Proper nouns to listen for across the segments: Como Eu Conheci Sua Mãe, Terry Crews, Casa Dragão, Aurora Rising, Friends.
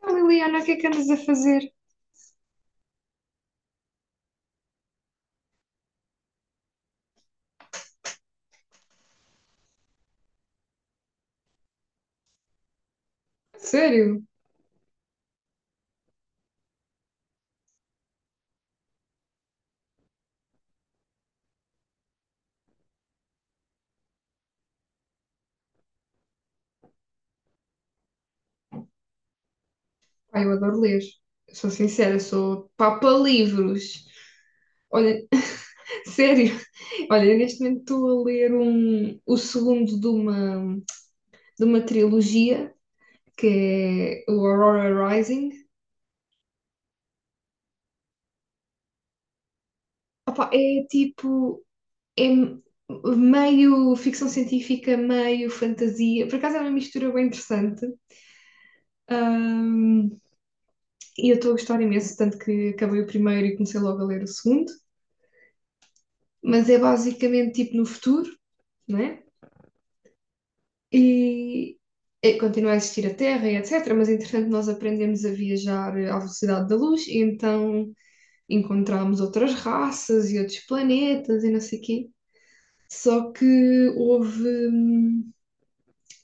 Ah, Liliana, o que é que andas a fazer? Sério? Pá, eu adoro ler. Eu sou sincera, sou papa livros. Olha, sério. Olha, eu neste momento estou a ler o segundo de uma trilogia, que é o Aurora Rising. Opá, é tipo, é m- meio ficção científica, meio fantasia. Por acaso é uma mistura bem interessante. Ah, e eu estou a gostar imenso, tanto que acabei o primeiro e comecei logo a ler o segundo. Mas é basicamente tipo no futuro, não é? E continua a existir a Terra e etc. Mas entretanto nós aprendemos a viajar à velocidade da luz e então encontramos outras raças e outros planetas e não sei o quê. Só que houve, hum,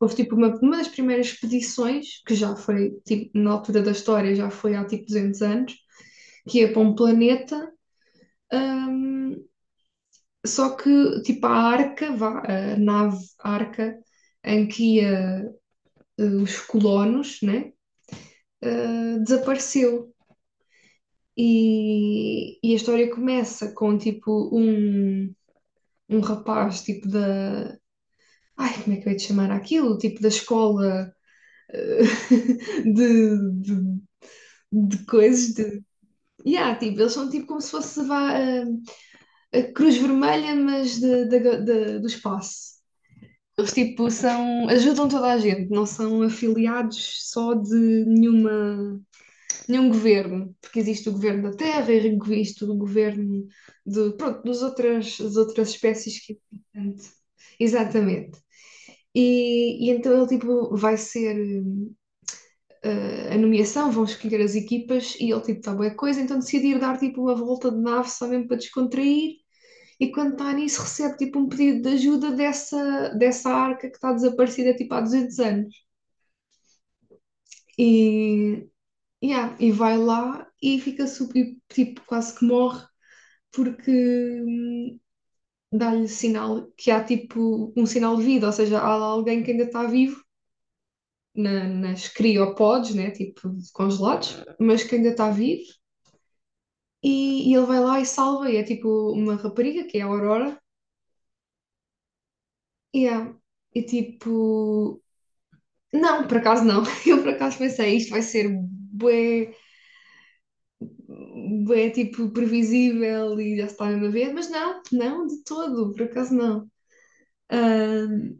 houve tipo uma das primeiras expedições, que já foi tipo, na altura da história, já foi há tipo 200 anos, que ia para um planeta. hum, Só que, tipo, a arca, vá, a nave arca em que ia os colonos, né, desapareceu. E a história começa com, tipo, um, um rapaz, tipo, da... Ai, como é que eu ia te chamar aquilo? Tipo, da escola eh, de, de, de coisas, de... Yeah, tipo, eles são tipo como se fosse vá, a Cruz Vermelha, mas do espaço. Eles tipo são, ajudam toda a gente, não são afiliados só de nenhuma, nenhum governo, porque existe o governo da terra, existe o governo de, pronto, dos outras, das outras espécies que portanto, exatamente. E então ele tipo vai ser a nomeação, vão escolher as equipas e ele tipo está boa coisa, então decidir dar tipo uma volta de nave só mesmo para descontrair e quando está nisso, recebe tipo um pedido de ajuda dessa arca que está desaparecida tipo há 200 anos. E, yeah, e vai lá e fica super, tipo, quase que morre porque hum, dá-lhe sinal que há tipo um sinal de vida, ou seja, há lá alguém que ainda está vivo nas criopods, né, tipo congelados, mas que ainda está vivo e, ele vai lá e salva, e é tipo uma rapariga que é a Aurora, e é, e tipo. Não, por acaso não. Eu por acaso pensei, isto vai ser bué, bué tipo previsível e já se está mesmo a ver, mas não, não, de todo, por acaso não. Ahm,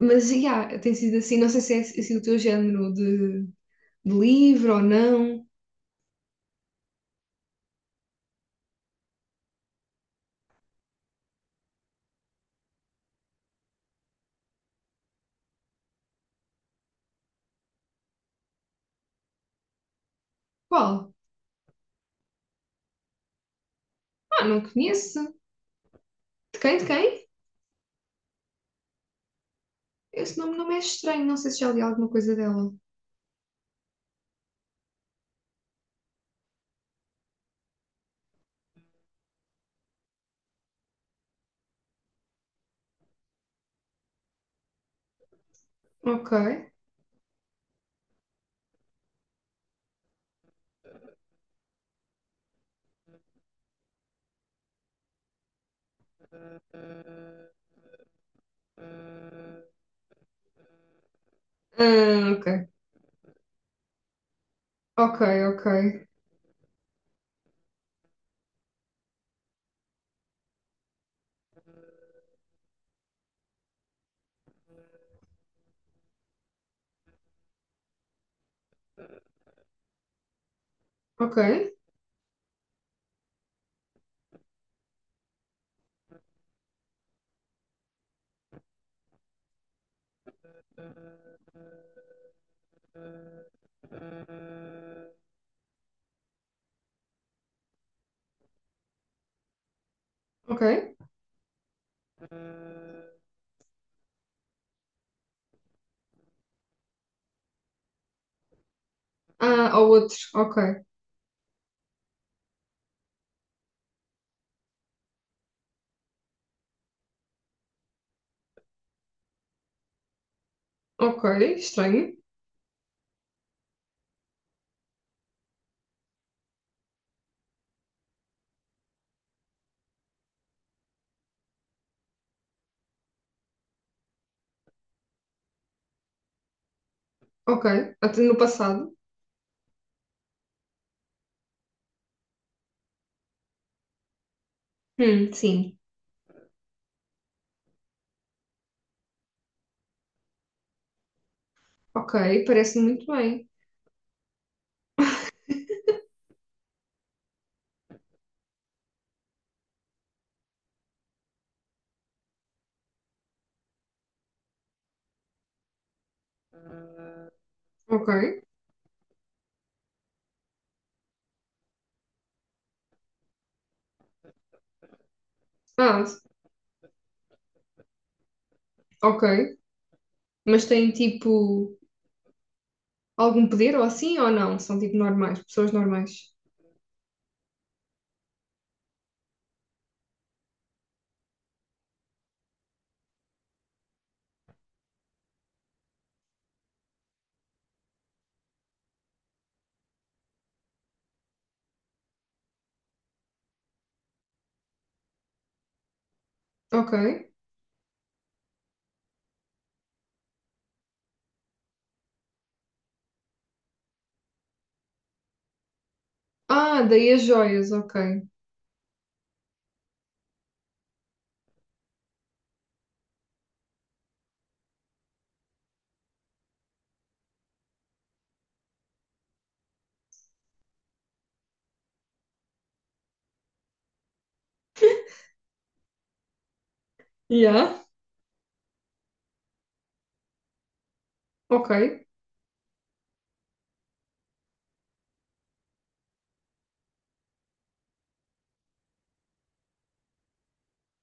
mas já, tem sido assim, não sei se é assim o teu género de, livro ou não. Qual? Ah, não conheço. De quem? De quem? Esse nome não me é estranho, não sei se já li alguma coisa dela. Ok. Ah, ok. Ok, ok. Ok, ok. Ah, ou outro. Ok, ok, estranho. Ok. Até no passado. Sim. Ok. Parece muito bem. Ok. Ah, ok. Mas têm tipo algum poder ou assim ou não? São tipo normais, pessoas normais. Ok. Ah, daí as joias. Ok. Yeah. Ok.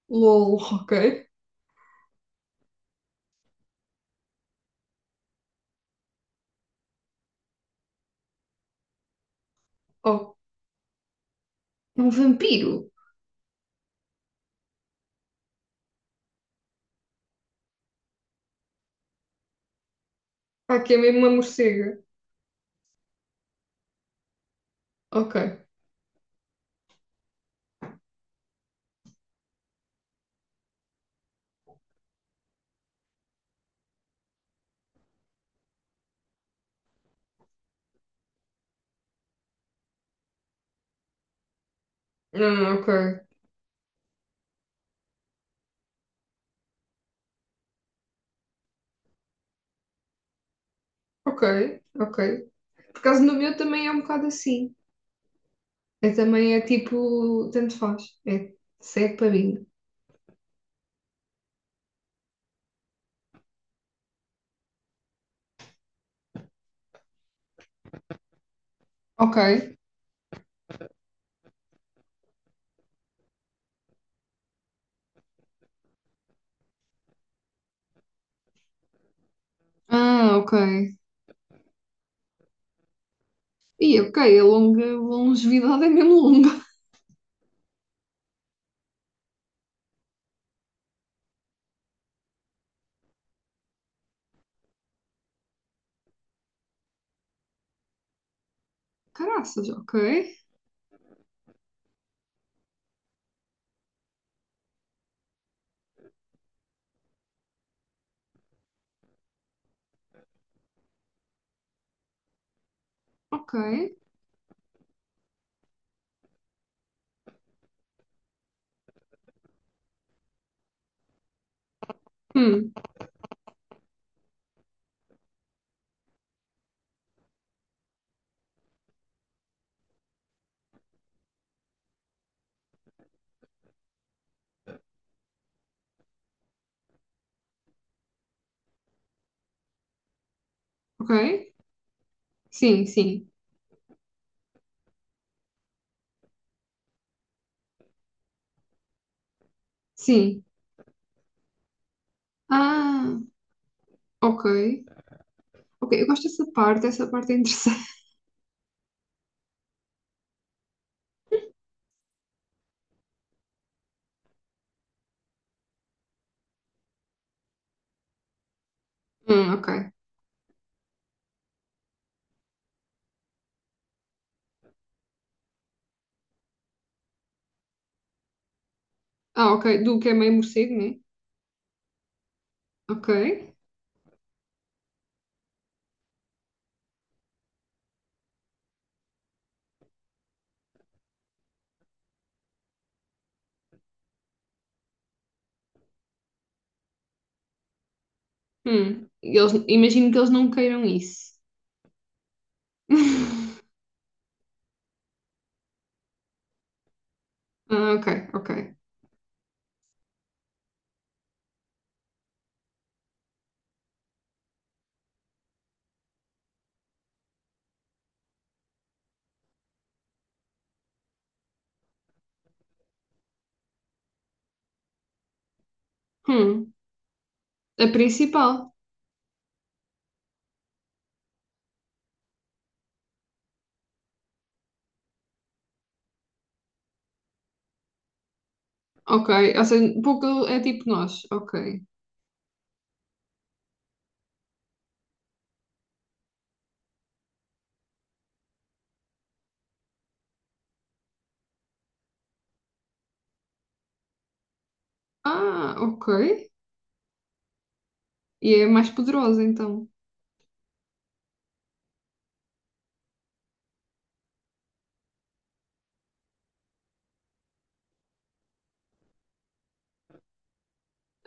LOL. Ok. Oh, é um vampiro. Ah, que é mesmo uma morcega. Ok. Ah, ok. Ok. Ok. Por causa do meu também é um bocado assim. É também é tipo, tanto faz. É cego para mim. Ok. Ah, ok. E ok, a longevidade é mesmo longa. Caraças, ok, ok. Hum, ok. Sim, sim, sim. Ah, ok. Ok, eu gosto dessa parte, essa parte é interessante. Ok. Ah, ok, do que é meio morcego, né? Ok. E eles, imagino que eles não queiram isso. Ah, ok, ok. Hum, a principal. Ok, ou seja, pouco é tipo nós. Ok. Ah, ok. E é mais poderosa, então.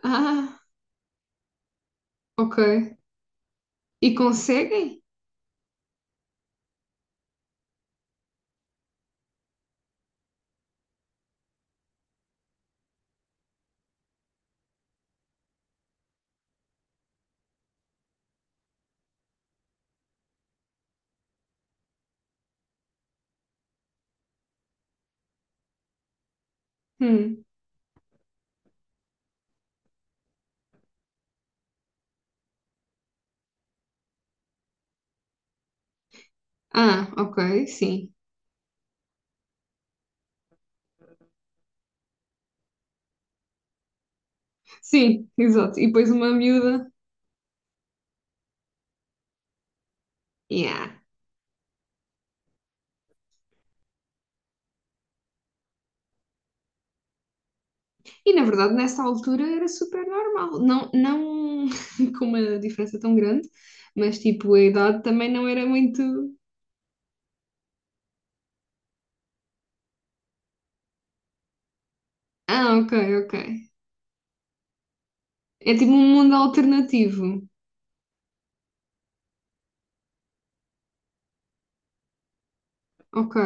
Ah, ok. E conseguem? Hum. Ah, ok, sim. Sim, exato. E depois uma miúda. Yeah. E na verdade, nessa altura era super normal. Não, não com uma diferença tão grande, mas tipo, a idade também não era muito. Ah, ok, ok. É tipo um mundo alternativo. Ok.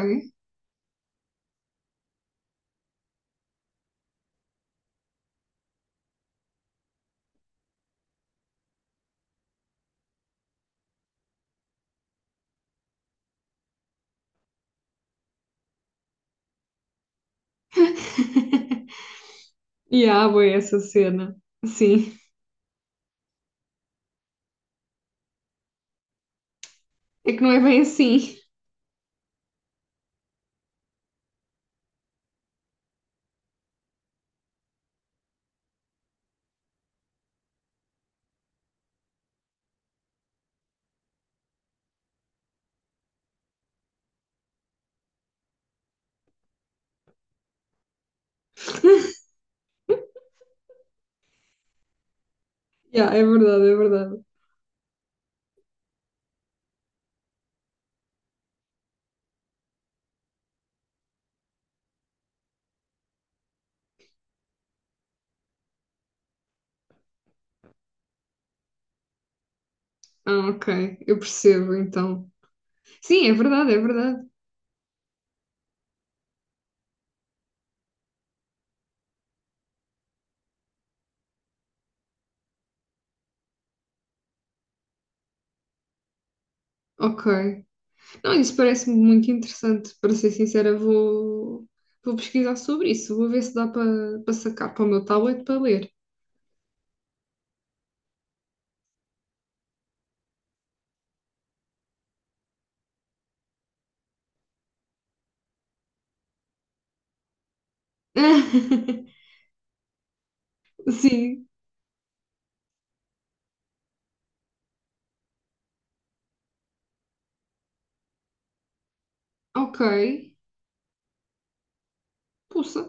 E há, bué, essa cena. Sim. É que não é bem assim. Yeah, é verdade, é verdade. Ah, ok. Eu percebo, então. Sim, é verdade, é verdade. Ok. Não, isso parece-me muito interessante. Para ser sincera, vou pesquisar sobre isso. Vou ver se dá para sacar para o meu tablet para ler. Sim, ok. Pulsa.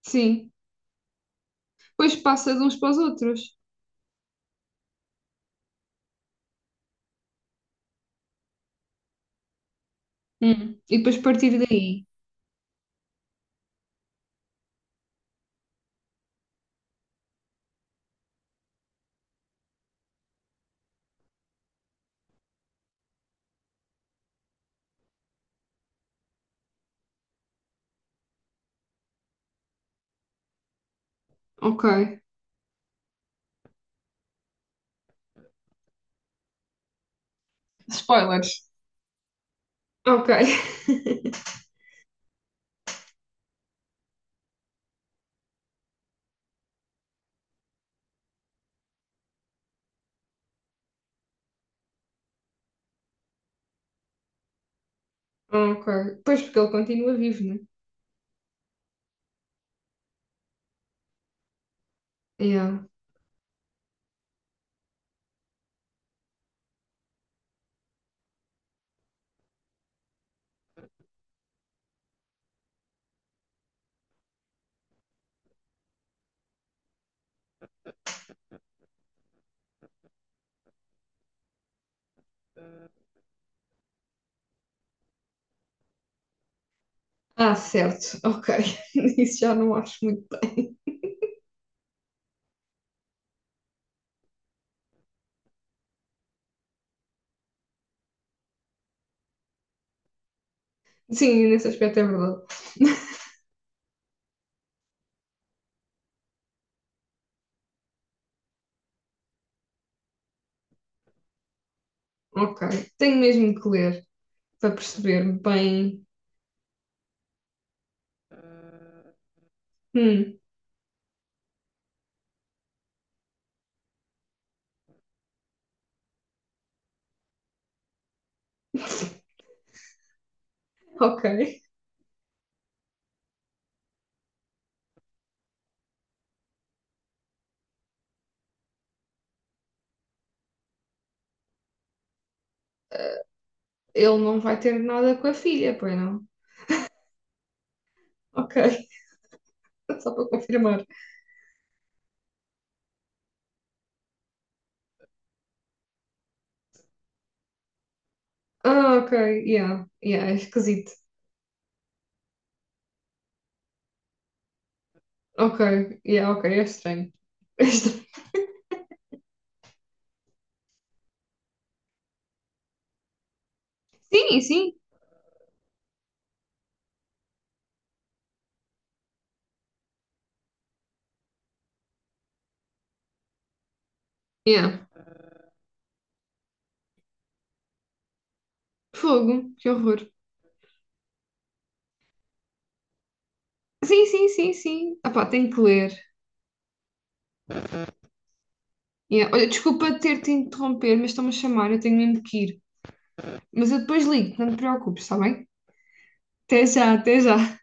Sim. Depois passa de uns para os outros. Hum. E depois partir daí. Ok. Spoilers. Ok. Ok. Pois porque ele continua vivo, né? Yeah. Ah, certo. Ok. Isso já não acho muito. Sim, nesse aspecto é verdade. Ok. Tenho mesmo que ler para perceber bem. Hum, ok. Ele não vai ter nada com a filha, pois não? Ok, só para confirmar. Ah, ok, yeah, yeah, é esquisito. Ok, yeah, ok, é estranho. É estranho. Sim, sim, yeah. Fogo, que horror. Sim, sim, sim, sim. Ah pá, tenho que ler. Yeah. Olha, desculpa ter-te interromper, mas estão-me a chamar, eu tenho mesmo que ir. Mas eu depois ligo, não te preocupes, está bem? Até já, até já.